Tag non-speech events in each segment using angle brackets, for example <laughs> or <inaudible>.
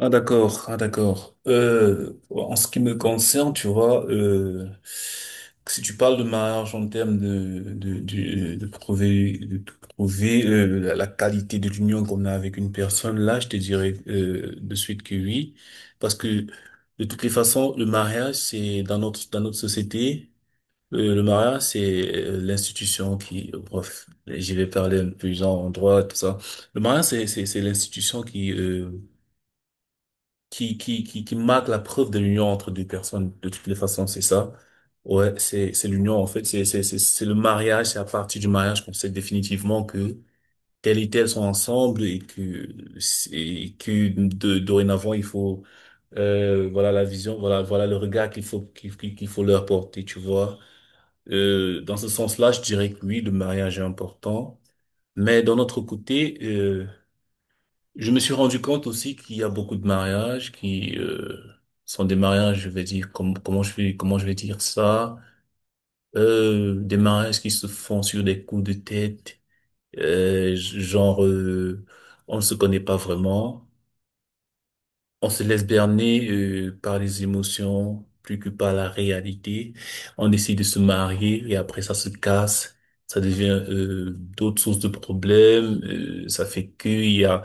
Ah d'accord, ah d'accord. En ce qui me concerne, tu vois, si tu parles de mariage en termes de prouver de prouver, la qualité de l'union qu'on a avec une personne, là, je te dirais de suite que oui, parce que de toutes les façons, le mariage, c'est dans notre société, le mariage, c'est l'institution qui, bref, j'y vais parler un peu genre en droit tout ça. Le mariage, c'est l'institution qui marque la preuve de l'union entre deux personnes, de toutes les façons, c'est ça. Ouais, c'est l'union, en fait, c'est le mariage, c'est à partir du mariage qu'on sait définitivement que tel et tel sont ensemble et que dorénavant, il faut, voilà la vision, voilà le regard qu'il faut, qu'il faut leur porter, tu vois. Dans ce sens-là, je dirais que oui, le mariage est important. Mais d'un autre côté, je me suis rendu compte aussi qu'il y a beaucoup de mariages qui sont des mariages, je vais dire, comme, comment je vais dire ça, des mariages qui se font sur des coups de tête, genre, on ne se connaît pas vraiment, on se laisse berner par les émotions plus que par la réalité, on décide de se marier et après ça se casse. Ça devient d'autres sources de problèmes. Ça fait qu'il y a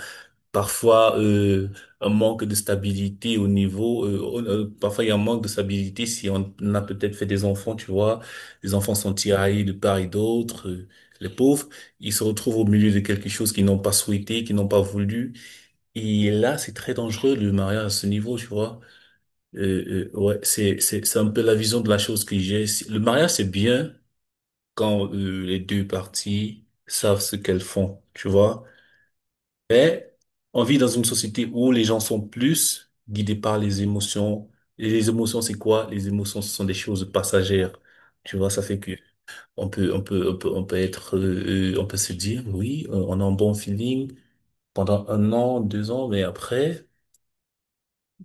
Parfois, un manque de stabilité au niveau, parfois il y a un manque de stabilité si on a peut-être fait des enfants, tu vois. Les enfants sont tiraillés de part et d'autre. Les pauvres, ils se retrouvent au milieu de quelque chose qu'ils n'ont pas souhaité, qu'ils n'ont pas voulu. Et là, c'est très dangereux le mariage à ce niveau, tu vois. Ouais, c'est un peu la vision de la chose que j'ai. Le mariage, c'est bien quand les deux parties savent ce qu'elles font, tu vois. Mais on vit dans une société où les gens sont plus guidés par les émotions. Et les émotions, c'est quoi? Les émotions, ce sont des choses passagères. Tu vois, ça fait que on peut être, on peut se dire, oui, on a un bon feeling pendant un an, deux ans, mais après,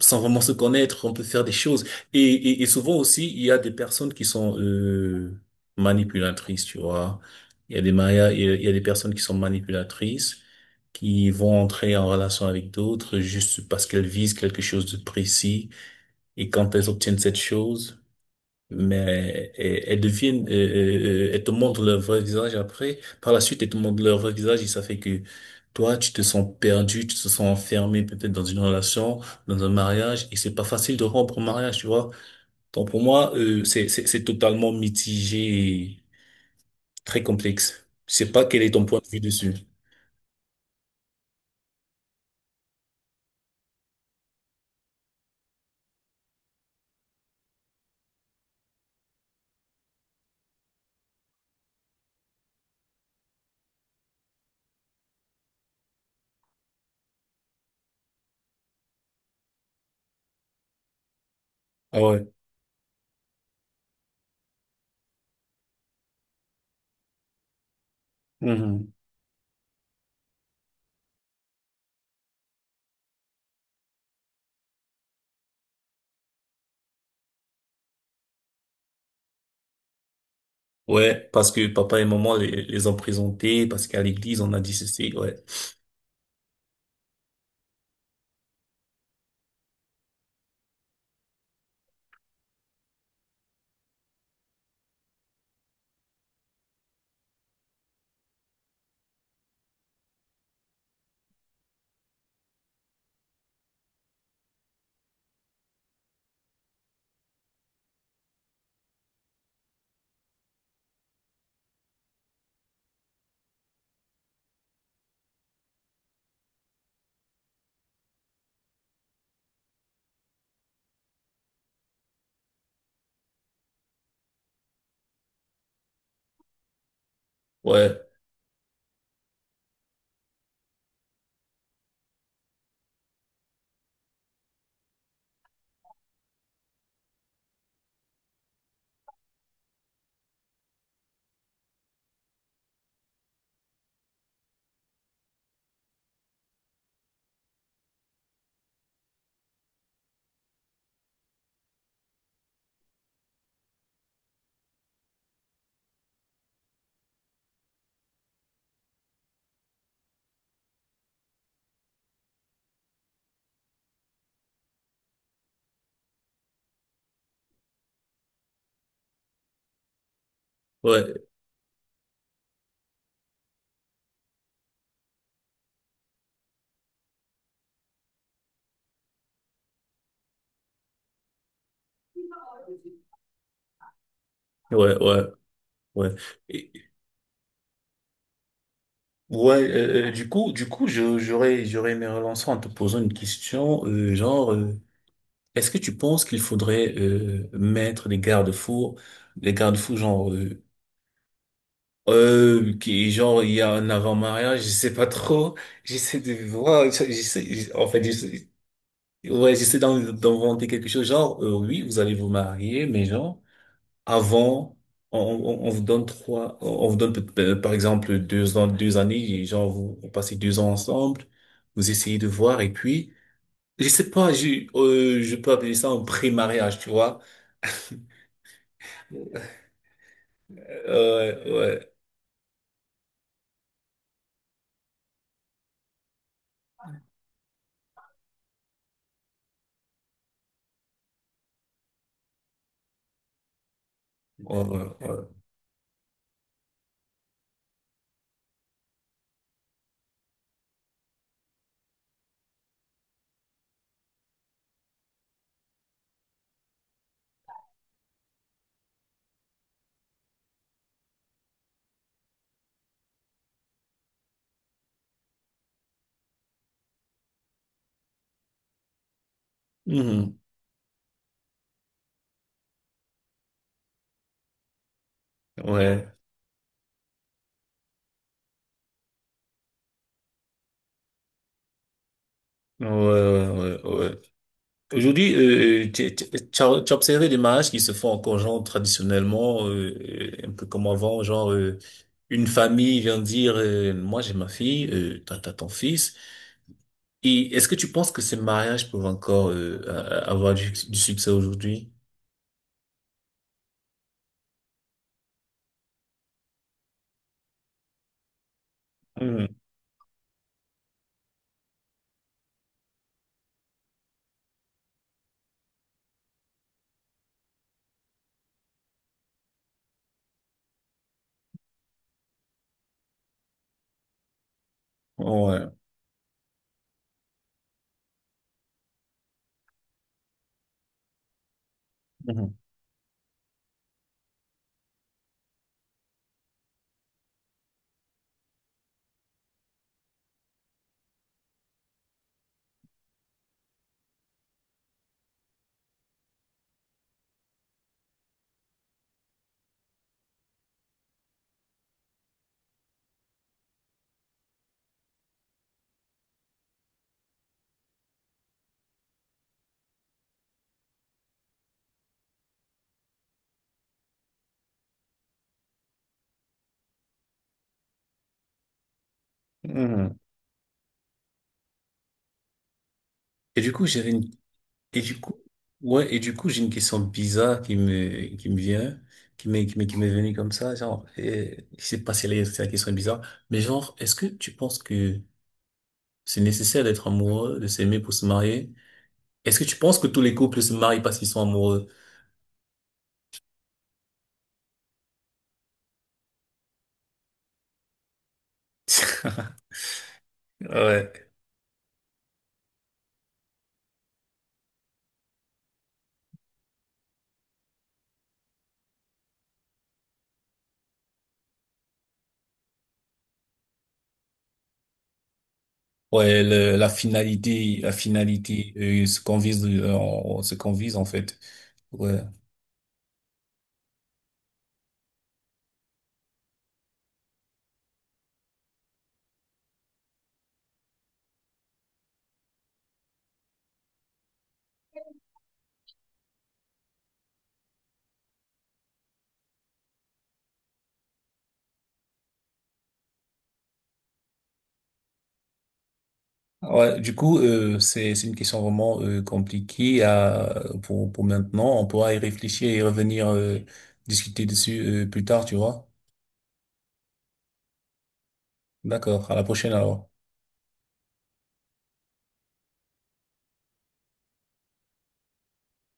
sans vraiment se connaître, on peut faire des choses. Et, et souvent aussi, il y a des personnes qui sont manipulatrices, tu vois. Il y a des mariages, il y a des personnes qui sont manipulatrices, qui vont entrer en relation avec d'autres juste parce qu'elles visent quelque chose de précis. Et quand elles obtiennent cette chose, mais elles, elles deviennent, elles te montrent leur vrai visage après. Par la suite, elles te montrent leur vrai visage et ça fait que toi, tu te sens perdu, tu te sens enfermé peut-être dans une relation, dans un mariage et c'est pas facile de rompre un mariage, tu vois. Donc pour moi, c'est totalement mitigé et très complexe. Je sais pas quel est ton point de vue dessus. Ah ouais. Mhm. Ouais, parce que papa et maman les ont présentés, parce qu'à l'église, on a dit ceci, ouais. Ouais, ouais, ouais, ouais, ouais. Ouais, du coup, je- j'aurais, j'aurais aimé relancer en te posant une question, genre, est-ce que tu penses qu'il faudrait mettre des garde-fous genre, il y a un avant-mariage, je sais pas trop, <laughs> j'essaie de voir, ça, j'essaie, ouais, d'inventer quelque chose, oui, vous allez vous marier, mais genre. Avant, on vous donne trois, on vous donne peut- par exemple deux ans, deux années, et genre vous passez deux ans ensemble, vous essayez de voir et puis, je sais pas, je peux appeler ça un pré-mariage, tu vois. Euh, ouais, ouais, ouais, ouais. Mhm. Ouais, ouais, ouais, ouais, ouais. Aujourd'hui, tu as observé des mariages qui se font encore genre traditionnellement, un peu comme avant, une famille vient dire, moi j'ai ma fille, t'as ton fils. Et est-ce que tu penses que ces mariages peuvent encore avoir du succès aujourd'hui? Mhm. Ouais. Mhm. Mhm. Et du coup, j'avais une, et du coup, ouais, Et du coup, j'ai une question bizarre qui me vient, qui m'est venue comme ça, genre, et, je sais pas si elle est- c'est la question est bizarre, mais genre, est-ce que tu penses que c'est nécessaire d'être amoureux, de s'aimer pour se marier? Est-ce que tu penses que tous les couples se marient parce qu'ils sont amoureux? <laughs> Ouais. Ouais, la finalité, ce qu'on vise, ce qu'on vise en fait. Ouais. Ouais, c'est une question vraiment compliquée à pour maintenant. On pourra y réfléchir et revenir discuter dessus plus tard, tu vois. D'accord. À la prochaine alors.